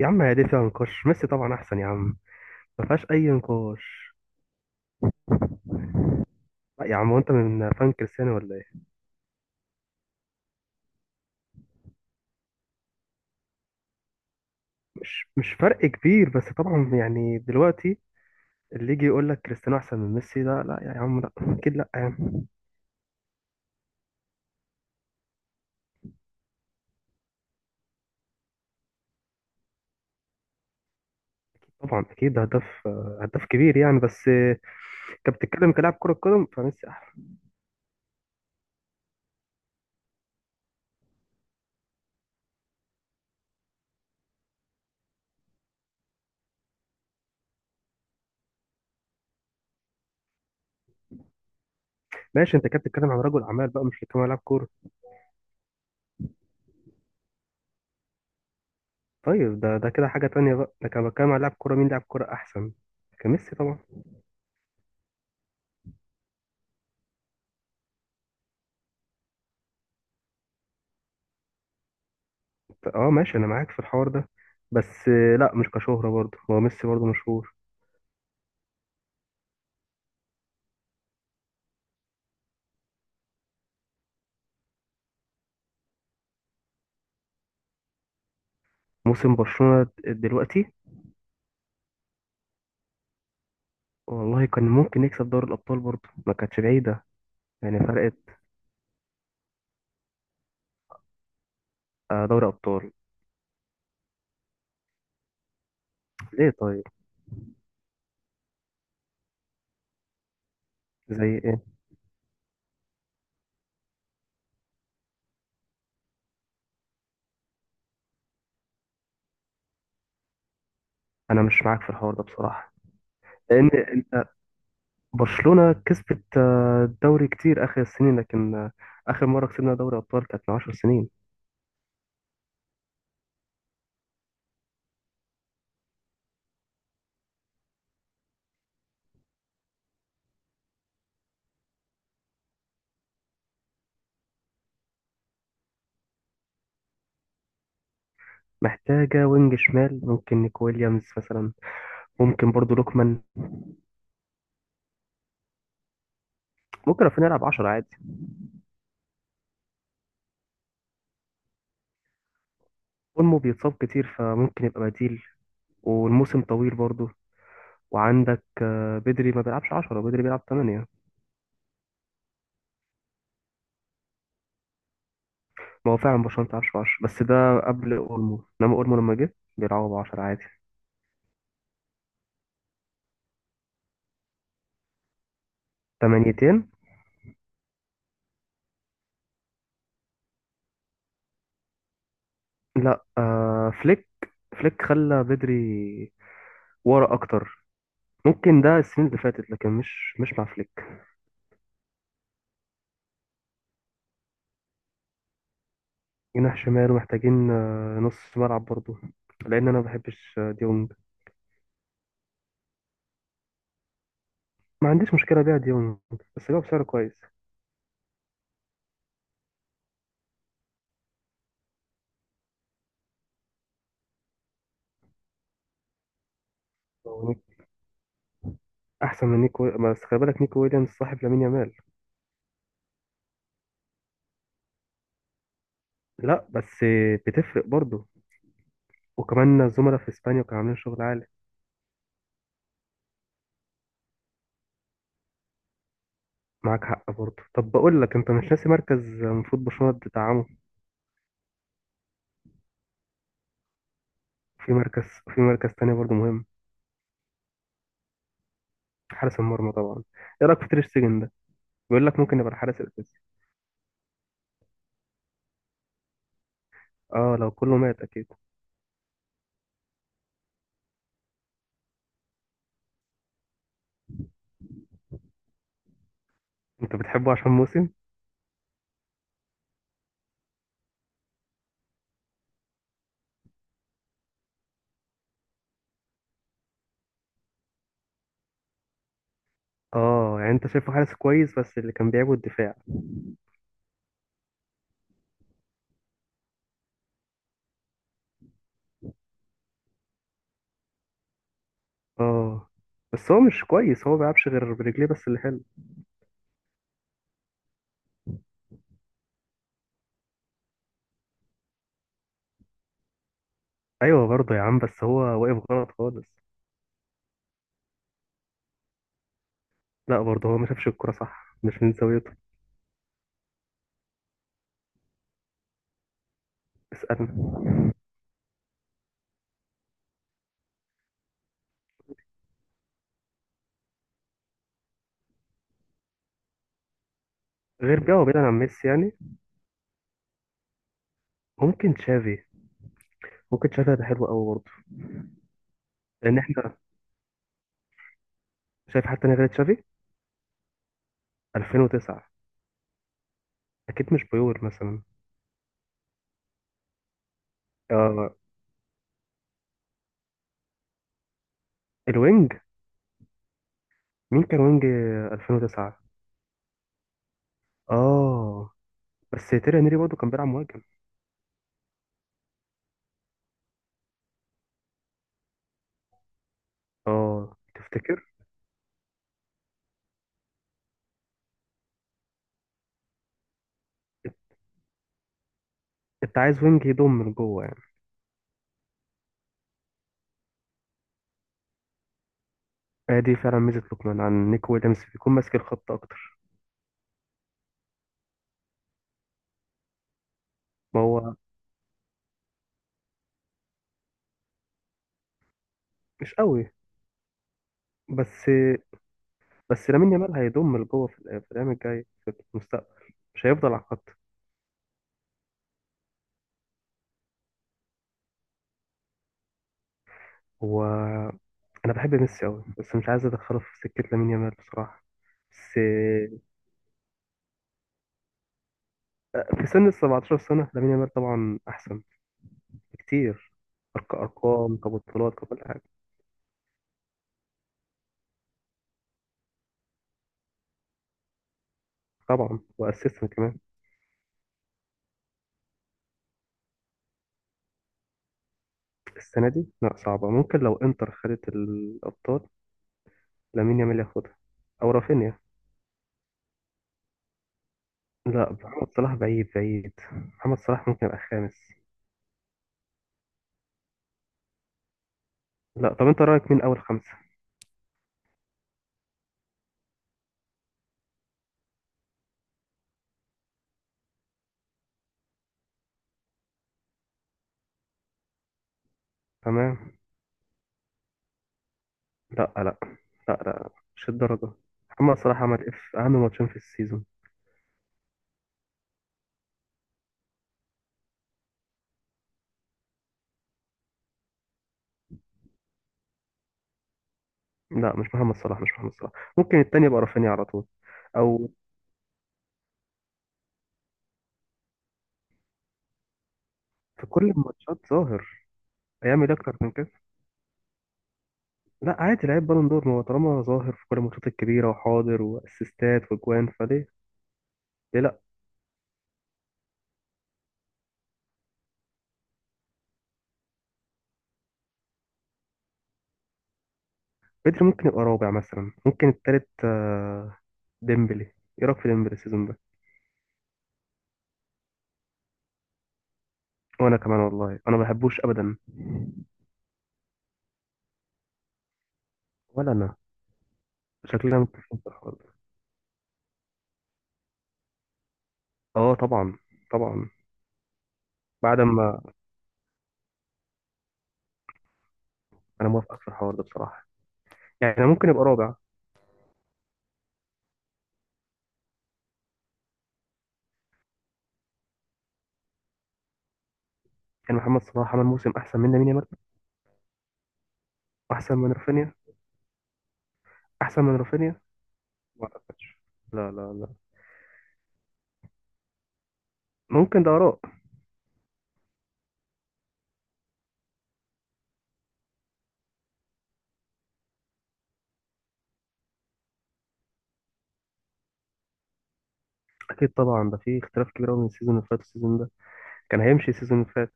يا عم، هي دي فيها نقاش؟ ميسي طبعا احسن يا عم. ما فيهاش اي نقاش. لا يا عم، هو انت من فان كريستيانو ولا ايه؟ مش فرق كبير، بس طبعا يعني دلوقتي، اللي يجي يقول لك كريستيانو احسن من ميسي ده، لا يا عم، لا اكيد، لا يا عم. طبعا اكيد، ده هداف. هداف كبير يعني. بس كنت بتتكلم كلاعب كره قدم، فميسي احسن. ماشي، انت كنت بتتكلم عن رجل اعمال بقى، مش كمان لاعب كوره. طيب، ده كده حاجه تانية بقى. ده كان بتكلم عن لاعب كوره، مين لاعب كوره احسن. كان ميسي طبعا. اه ماشي، انا معاك في الحوار ده. بس لا، مش كشهرة برضه، هو ميسي برضه مشهور. موسم برشلونة دلوقتي؟ والله كان ممكن يكسب دوري الابطال برضه، ما كانتش بعيدة. يعني فرقت. دوري ابطال. ليه طيب؟ زي ايه؟ انا مش معاك في الحوار ده بصراحة. لان انت- برشلونة كسبت الدوري كتير اخر السنين، لكن اخر مرة كسبنا دوري ابطال كانت من 10 سنين. محتاجة وينج شمال، ممكن نيكو ويليامز مثلا. ممكن برضه لوكمان. ممكن رافينيا يلعب 10 عادي. اولمو بيتصاب كتير، فممكن يبقى بديل. والموسم طويل برضه. وعندك بدري ما بيلعبش 10، بدري بيلعب 8. ما هو فعلا برشلونة ما بتلعبش 10، بس ده قبل اولمو، انما اولمو لما جه بيلعبوا ب 10 عادي. 8. لا فليك. فليك خلى بدري ورا اكتر. ممكن ده السنين اللي فاتت، لكن مش مع فليك. جناح شمال، ومحتاجين نص ملعب برضه، لان انا ما بحبش ديونج. ما عنديش مشكله بيع ديونج. بس جاب سعر كويس. هو نيك- احسن من نيكو، بس خلي بالك، نيكو ويليامز صاحب لامين يامال. لا بس بتفرق برضه. وكمان الزملاء في اسبانيا كانوا عاملين شغل عالي. معاك حق برضه. طب بقول لك، انت مش ناسي مركز المفروض برشلونة تدعمه؟ في مركز في مركز تاني برضه مهم. حارس المرمى طبعا. ايه رايك في تير شتيجن ده؟ بيقول لك ممكن يبقى الحارس الاساسي. اه، لو كله مات اكيد. انت بتحبه عشان موسم. اه، يعني انت شايفه حارس كويس، بس اللي كان بيعبه الدفاع. اه، بس هو مش كويس. هو ما بيلعبش غير برجليه بس اللي حلو. ايوه برضه يا عم، بس هو واقف غلط خالص. لا، برضه هو ما شافش الكرة صح، مش من زاويته. اسألنا. غير بقى، وبعيدا عن ميسي يعني. ممكن تشافي. ممكن تشافي هيبقى حلو قوي برضه. لان احنا شايف حتى انا غير تشافي. 2009. اكيد مش بيول مثلا. آه الوينج. مين كان وينج 2009؟ اه، بس تيري هنري برضه كان بيلعب مهاجم. اه تفتكر؟ انت عايز وينج يضم من جوه يعني. دي فعلا ميزه لوكمان عن نيك ويليامز، بيكون ماسك الخط اكتر. ما هو مش قوي. بس، بس لامين يامال هيضم من جوه في في الايام الجايه في المستقبل، مش هيفضل على الخط. هو، انا بحب ميسي قوي، بس مش عايز ادخله في سكه لامين يامال بصراحه. بس في سن ال 17 سنه لامين يامال طبعا احسن بكتير. ارقام كبطولات ككل حاجه. طبعا واسيستم كمان. السنه دي لا صعبه، ممكن لو انتر خدت الابطال لامين يامال ياخدها، او رافينيا. لا، محمد صلاح بعيد بعيد. محمد صلاح ممكن يبقى خامس. لا، طب انت رايك مين اول خمسه؟ تمام. لا لا. لا لا. مش الدرجه. محمد صلاح عمل اف اهم ماتشين في السيزون. لا مش محمد صلاح، مش محمد صلاح. ممكن التاني يبقى رافينيا على طول، او. في كل الماتشات ظاهر. هيعمل اكتر من كده. لا عادي، لعيب بالون دور. ما هو طالما ظاهر في كل الماتشات الكبيره وحاضر، واسيستات واجوان فليه، ليه لا؟ بدري ممكن يبقى رابع مثلا، ممكن التالت. ديمبلي. ايه رايك في ديمبلي السيزون ده؟ وانا كمان والله، انا ما بحبوش ابدا. ولا انا. شكلنا متفقين في الحوار ده. اه طبعا. طبعا. بعد ما انا موافقك في الحوار ده بصراحه، يعني ممكن يبقى رابع. يعني محمد صلاح عمل موسم احسن منه مين؟ احسن من رافينيا. احسن من رافينيا. ما اعتقدش. لا لا لا. ممكن ده اراء. اكيد طبعا، ده في اختلاف كبير قوي من السيزون اللي فات والسيزون ده. كان هيمشي السيزون اللي فات.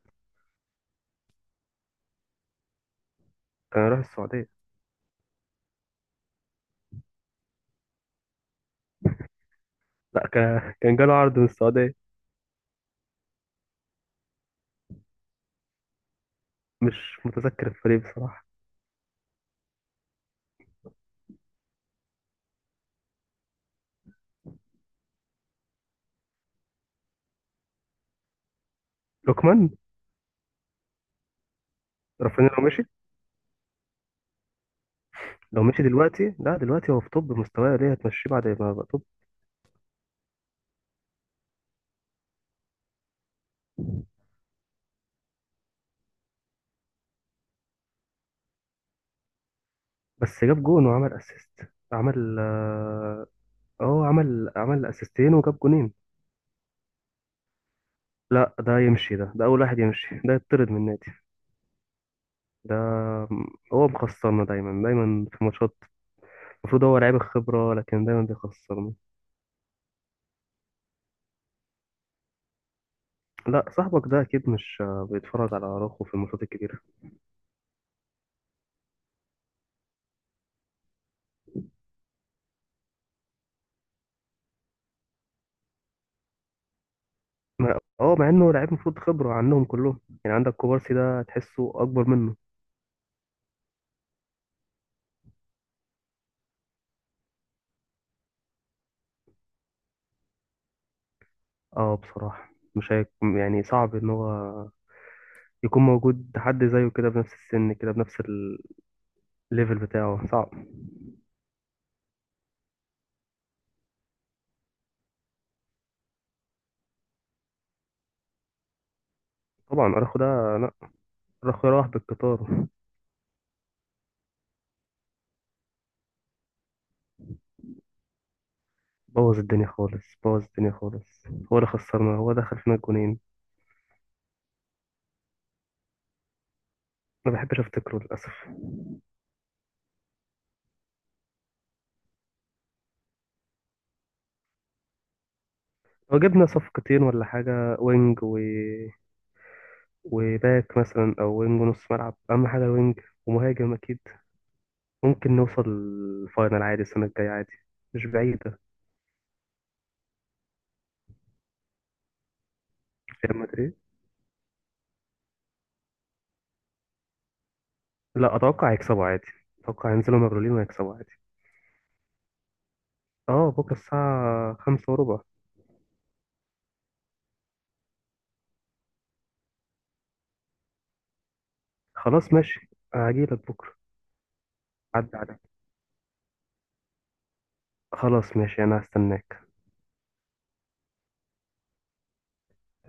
كان راح السعوديه. لا، كان جاله عرض من السعوديه. مش متذكر الفريق بصراحه. لوكمان. رافينيا لو مشي. لو مشي دلوقتي لا، دلوقتي هو في توب مستواه، ليه هتمشيه بعد ما يبقى توب؟ بس جاب جون وعمل اسيست. عمل اه آه، عمل عمل اسيستين وجاب جونين. لا ده يمشي، ده اول واحد يمشي، ده يطرد من النادي. ده هو مخسرنا دايما دايما في ماتشات. المفروض هو لعيب الخبرة لكن دايما بيخسرنا. لا صاحبك ده أكيد مش بيتفرج على أراوخو في الماتشات الكبيرة. اه، مع إنه لعيب المفروض خبرة عنهم كلهم يعني. عندك كوبارسي ده تحسه أكبر منه. اه بصراحة، مش هيك يعني، صعب إن هو يكون موجود حد زيه كده بنفس السن كده بنفس الليفل بتاعه. صعب. طبعا أراخو ده، لا، أراخو راح بالقطار. بوظ الدنيا خالص، بوظ الدنيا خالص. هو اللي خسرنا، هو دخل فينا الجونين. ما بحبش افتكره للاسف. لو جبنا صفقتين ولا حاجه، وينج وباك مثلا، او وينج ونص ملعب، اهم حاجه الوينج ومهاجم اكيد. ممكن نوصل الفاينل عادي السنه الجايه عادي. مش بعيده. ريال مدريد؟ لا، اتوقع يكسبوا عادي. اتوقع ينزلوا مبلولين ويكسبوا عادي. اه بكره الساعه 5:15. خلاص ماشي، هجيلك بكره. عدى عليك. خلاص ماشي، انا هستناك.